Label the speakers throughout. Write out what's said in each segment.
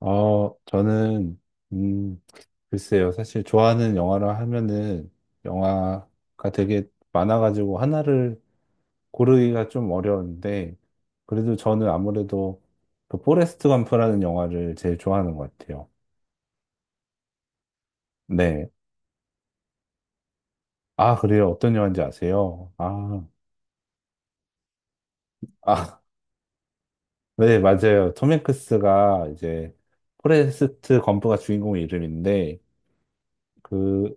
Speaker 1: 저는, 음, 글쎄요. 사실 좋아하는 영화라 하면은 영화가 되게 많아가지고 하나를 고르기가 좀 어려운데, 그래도 저는 아무래도 그 포레스트 검프라는 영화를 제일 좋아하는 것 같아요. 네. 아, 그래요. 어떤 영화인지 아세요? 아, 아, 네, 맞아요. 톰 행크스가 이제 포레스트 검프가 주인공 이름인데, 그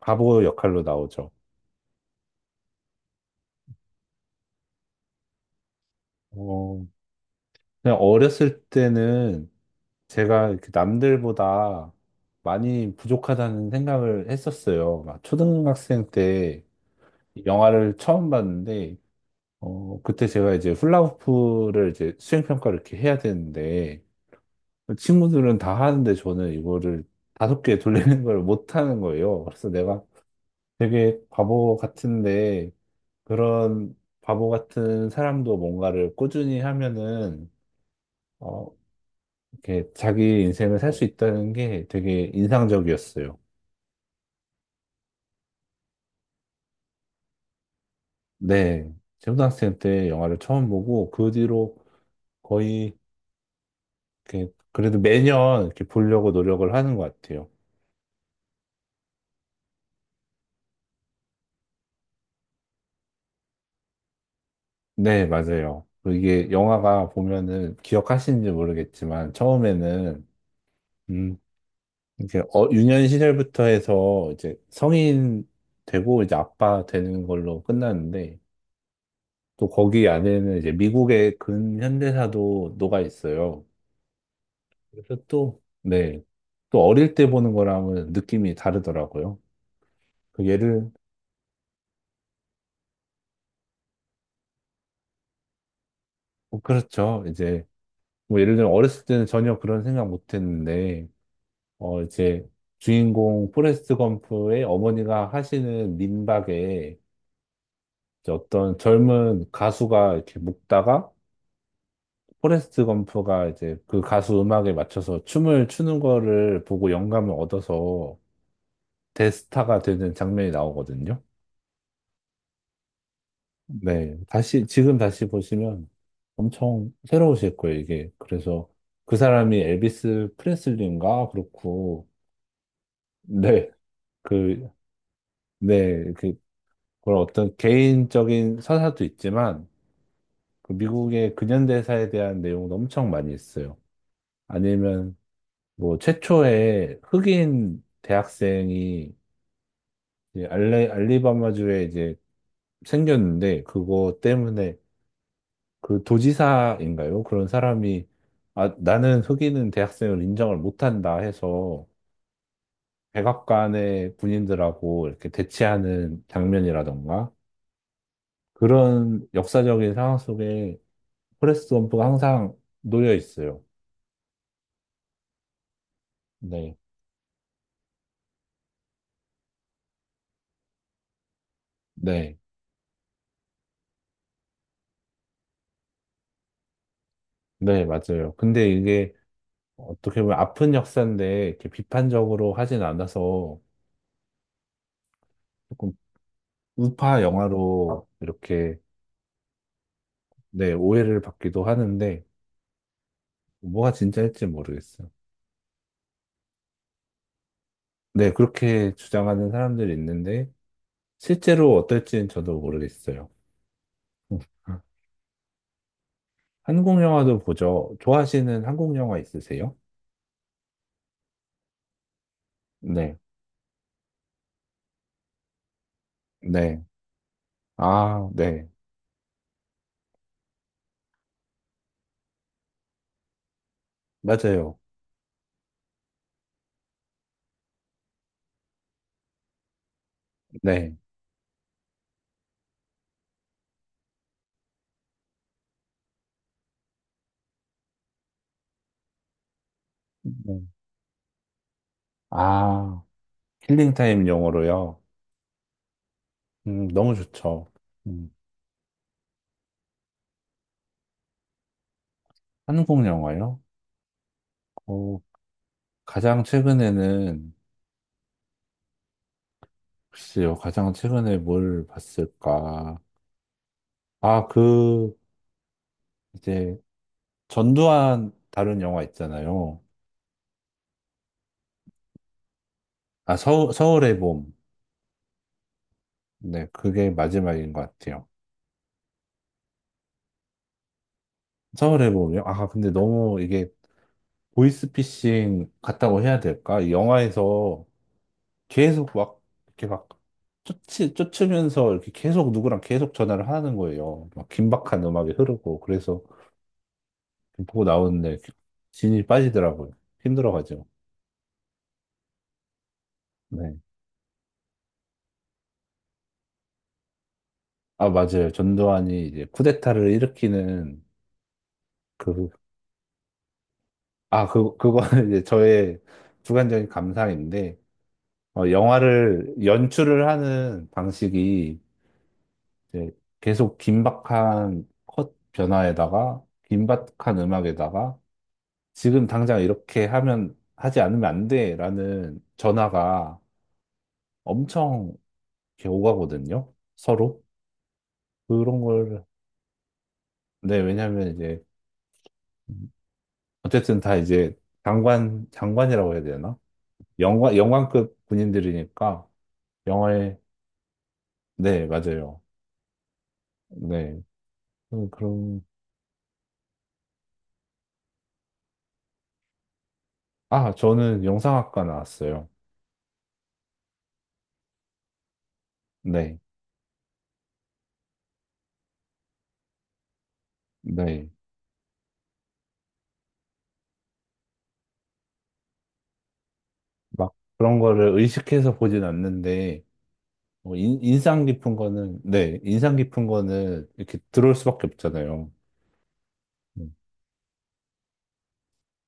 Speaker 1: 바보 역할로 나오죠. 어, 그냥 어렸을 때는 제가 이렇게 남들보다 많이 부족하다는 생각을 했었어요. 막 초등학생 때 영화를 처음 봤는데, 그때 제가 이제 훌라후프를 이제 수행평가를 이렇게 해야 되는데, 친구들은 다 하는데 저는 이거를 다섯 개 돌리는 걸 못하는 거예요. 그래서 내가 되게 바보 같은데, 그런 바보 같은 사람도 뭔가를 꾸준히 하면은, 어, 이렇게 자기 인생을 살 수 있다는 게 되게 인상적이었어요. 네, 초등학생 때 영화를 처음 보고 그 뒤로 거의 이렇게 그래도 매년 이렇게 보려고 노력을 하는 것 같아요. 네, 맞아요. 그리고 이게 영화가 보면은 기억하시는지 모르겠지만 처음에는 음, 이렇게 유년 시절부터 해서 이제 성인 되고 이제 아빠 되는 걸로 끝났는데 또 거기 안에는 이제 미국의 근현대사도 녹아 있어요. 그래서 또 네, 또 어릴 때 보는 거랑은 느낌이 다르더라고요. 그 예를, 어, 그렇죠. 이제, 뭐 예를 들면 어렸을 때는 전혀 그런 생각 못 했는데, 이제 주인공 포레스트 검프의 어머니가 하시는 민박에 이제 어떤 젊은 가수가 이렇게 묵다가 포레스트 검프가 이제 그 가수 음악에 맞춰서 춤을 추는 거를 보고 영감을 얻어서 대스타가 되는 장면이 나오거든요. 네, 다시, 지금 다시 보시면 엄청 새로우실 거예요, 이게. 그래서 그 사람이 엘비스 프레슬리인가? 그렇고, 네, 그, 네, 그, 그런 어떤 개인적인 서사도 있지만, 그 미국의 근현대사에 대한 내용도 엄청 많이 있어요. 아니면, 뭐, 최초의 흑인 대학생이 이제 알리바마주에 이제 생겼는데, 그거 때문에 그 도지사인가요? 그런 사람이 아, 나는 흑인은 대학생을 인정을 못한다 해서 백악관의 군인들하고 이렇게 대치하는 장면이라던가 그런 역사적인 상황 속에 포레스트 검프가 항상 놓여 있어요. 네, 네, 네, 맞아요. 근데 이게 어떻게 보면 아픈 역사인데 이렇게 비판적으로 하진 않아서 조금 우파 영화로 이렇게 네, 오해를 받기도 하는데 뭐가 진짜일지 모르겠어요. 네, 그렇게 주장하는 사람들이 있는데, 실제로 어떨지는 저도 모르겠어요. 음. 한국 영화도 보죠. 좋아하시는 한국 영화 있으세요? 네, 네. 아, 네. 맞아요. 네. 음. 아, 힐링타임 영어로요. 너무 좋죠. 음, 한국 영화요? 어, 가장 최근에는, 글쎄요, 가장 최근에 뭘 봤을까. 아, 그, 이제, 전두환 다룬 영화 있잖아요. 아, 서울의 봄. 네, 그게 마지막인 것 같아요. 서울의 봄이요? 아, 근데 너무 이게 보이스피싱 같다고 해야 될까? 이 영화에서 계속 막, 이렇게 막, 쫓으면서 이렇게 계속 누구랑 계속 전화를 하는 거예요. 막 긴박한 음악이 흐르고. 그래서 보고 나오는데 진이 빠지더라고요. 힘들어가지고. 네. 아, 맞아요. 전두환이 이제 쿠데타를 일으키는 그, 아, 그, 그거는 이제 저의 주관적인 감상인데, 영화를 연출을 하는 방식이 이제 계속 긴박한 컷 변화에다가 긴박한 음악에다가 지금 당장 이렇게 하면 하지 않으면 안 돼라는 전화가 엄청 이렇게 오가거든요. 서로 그런 걸 네, 왜냐하면 이제 어쨌든 다 이제 장관 장관이라고 해야 되나? 영관 영관급 군인들이니까 영화에 네, 맞아요. 네. 그런 아, 저는 영상학과 나왔어요. 네, 네. 막 그런 거를 의식해서 보진 않는데, 어, 인상 깊은 거는, 네, 인상 깊은 거는 이렇게 들어올 수밖에 없잖아요. 네.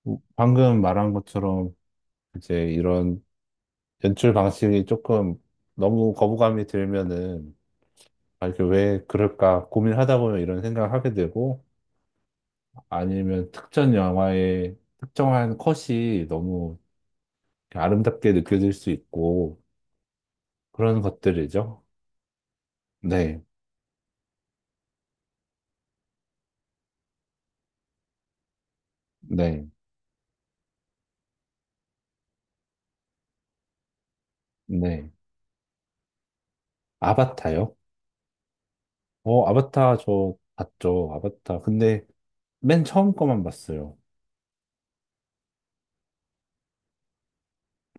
Speaker 1: 방금 말한 것처럼 이제 이런 연출 방식이 조금 너무 거부감이 들면은, 아, 이게 왜 그럴까 고민하다 보면 이런 생각을 하게 되고, 아니면 특정 영화의 특정한 컷이 너무 아름답게 느껴질 수 있고, 그런 것들이죠. 네, 네, 네. 아바타요? 아바타 저 봤죠. 아바타. 근데 맨 처음 거만 봤어요.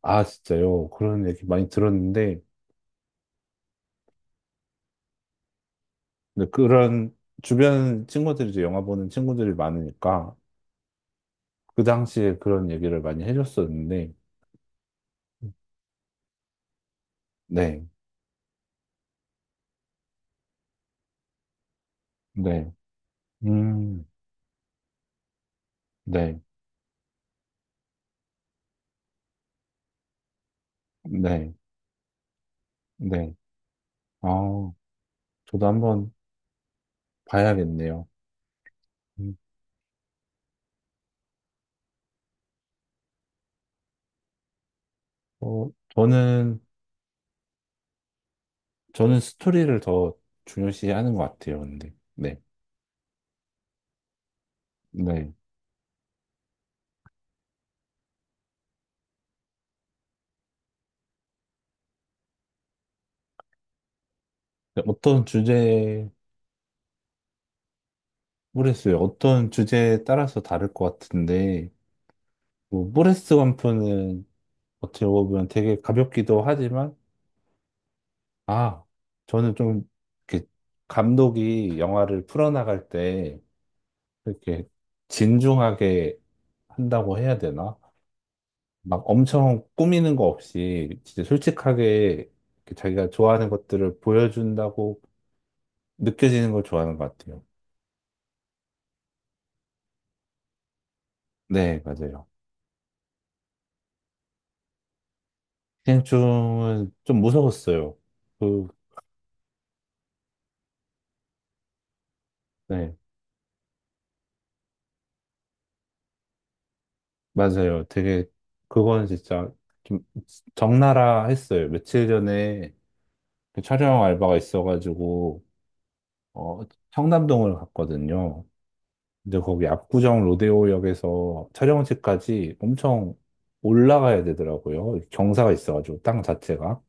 Speaker 1: 아, 진짜요? 그런 얘기 많이 들었는데, 근데 그런 주변 친구들이 이제 영화 보는 친구들이 많으니까 그 당시에 그런 얘기를 많이 해줬었는데, 네, 네, 음, 네, 네, 네. 아, 저도 한번 봐야겠네요. 음, 어, 저는, 저는 스토리를 더 중요시하는 것 같아요, 근데. 네. 네. 어떤 주제, 모르겠어요. 어떤 주제에 따라서 다를 것 같은데, 뭐, 모레스 완프는 어떻게 보면 되게 가볍기도 하지만, 아, 저는 좀, 이렇게, 감독이 영화를 풀어나갈 때, 이렇게, 진중하게 한다고 해야 되나? 막 엄청 꾸미는 거 없이, 진짜 솔직하게, 이렇게 자기가 좋아하는 것들을 보여준다고 느껴지는 걸 좋아하는 것 같아요. 네, 맞아요. 기생충은 좀 무서웠어요. 그, 네, 맞아요. 되게, 그건 진짜 좀 적나라 했어요. 며칠 전에 그 촬영 알바가 있어가지고, 어, 청담동을 갔거든요. 근데 거기 압구정 로데오역에서 촬영지까지 엄청 올라가야 되더라고요. 경사가 있어가지고, 땅 자체가.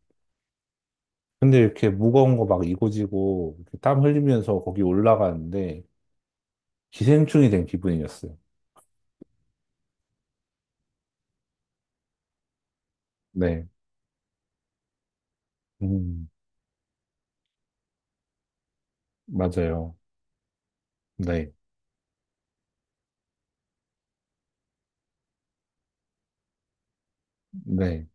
Speaker 1: 근데 이렇게 무거운 거 막 이고지고, 이렇게 땀 흘리면서 거기 올라가는데, 기생충이 된 기분이었어요. 네. 음. 맞아요. 네, 네.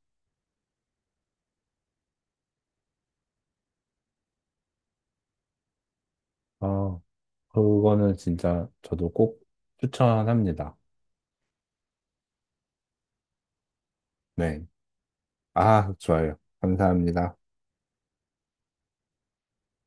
Speaker 1: 아, 그거는 진짜 저도 꼭 추천합니다. 네. 아, 좋아요. 감사합니다.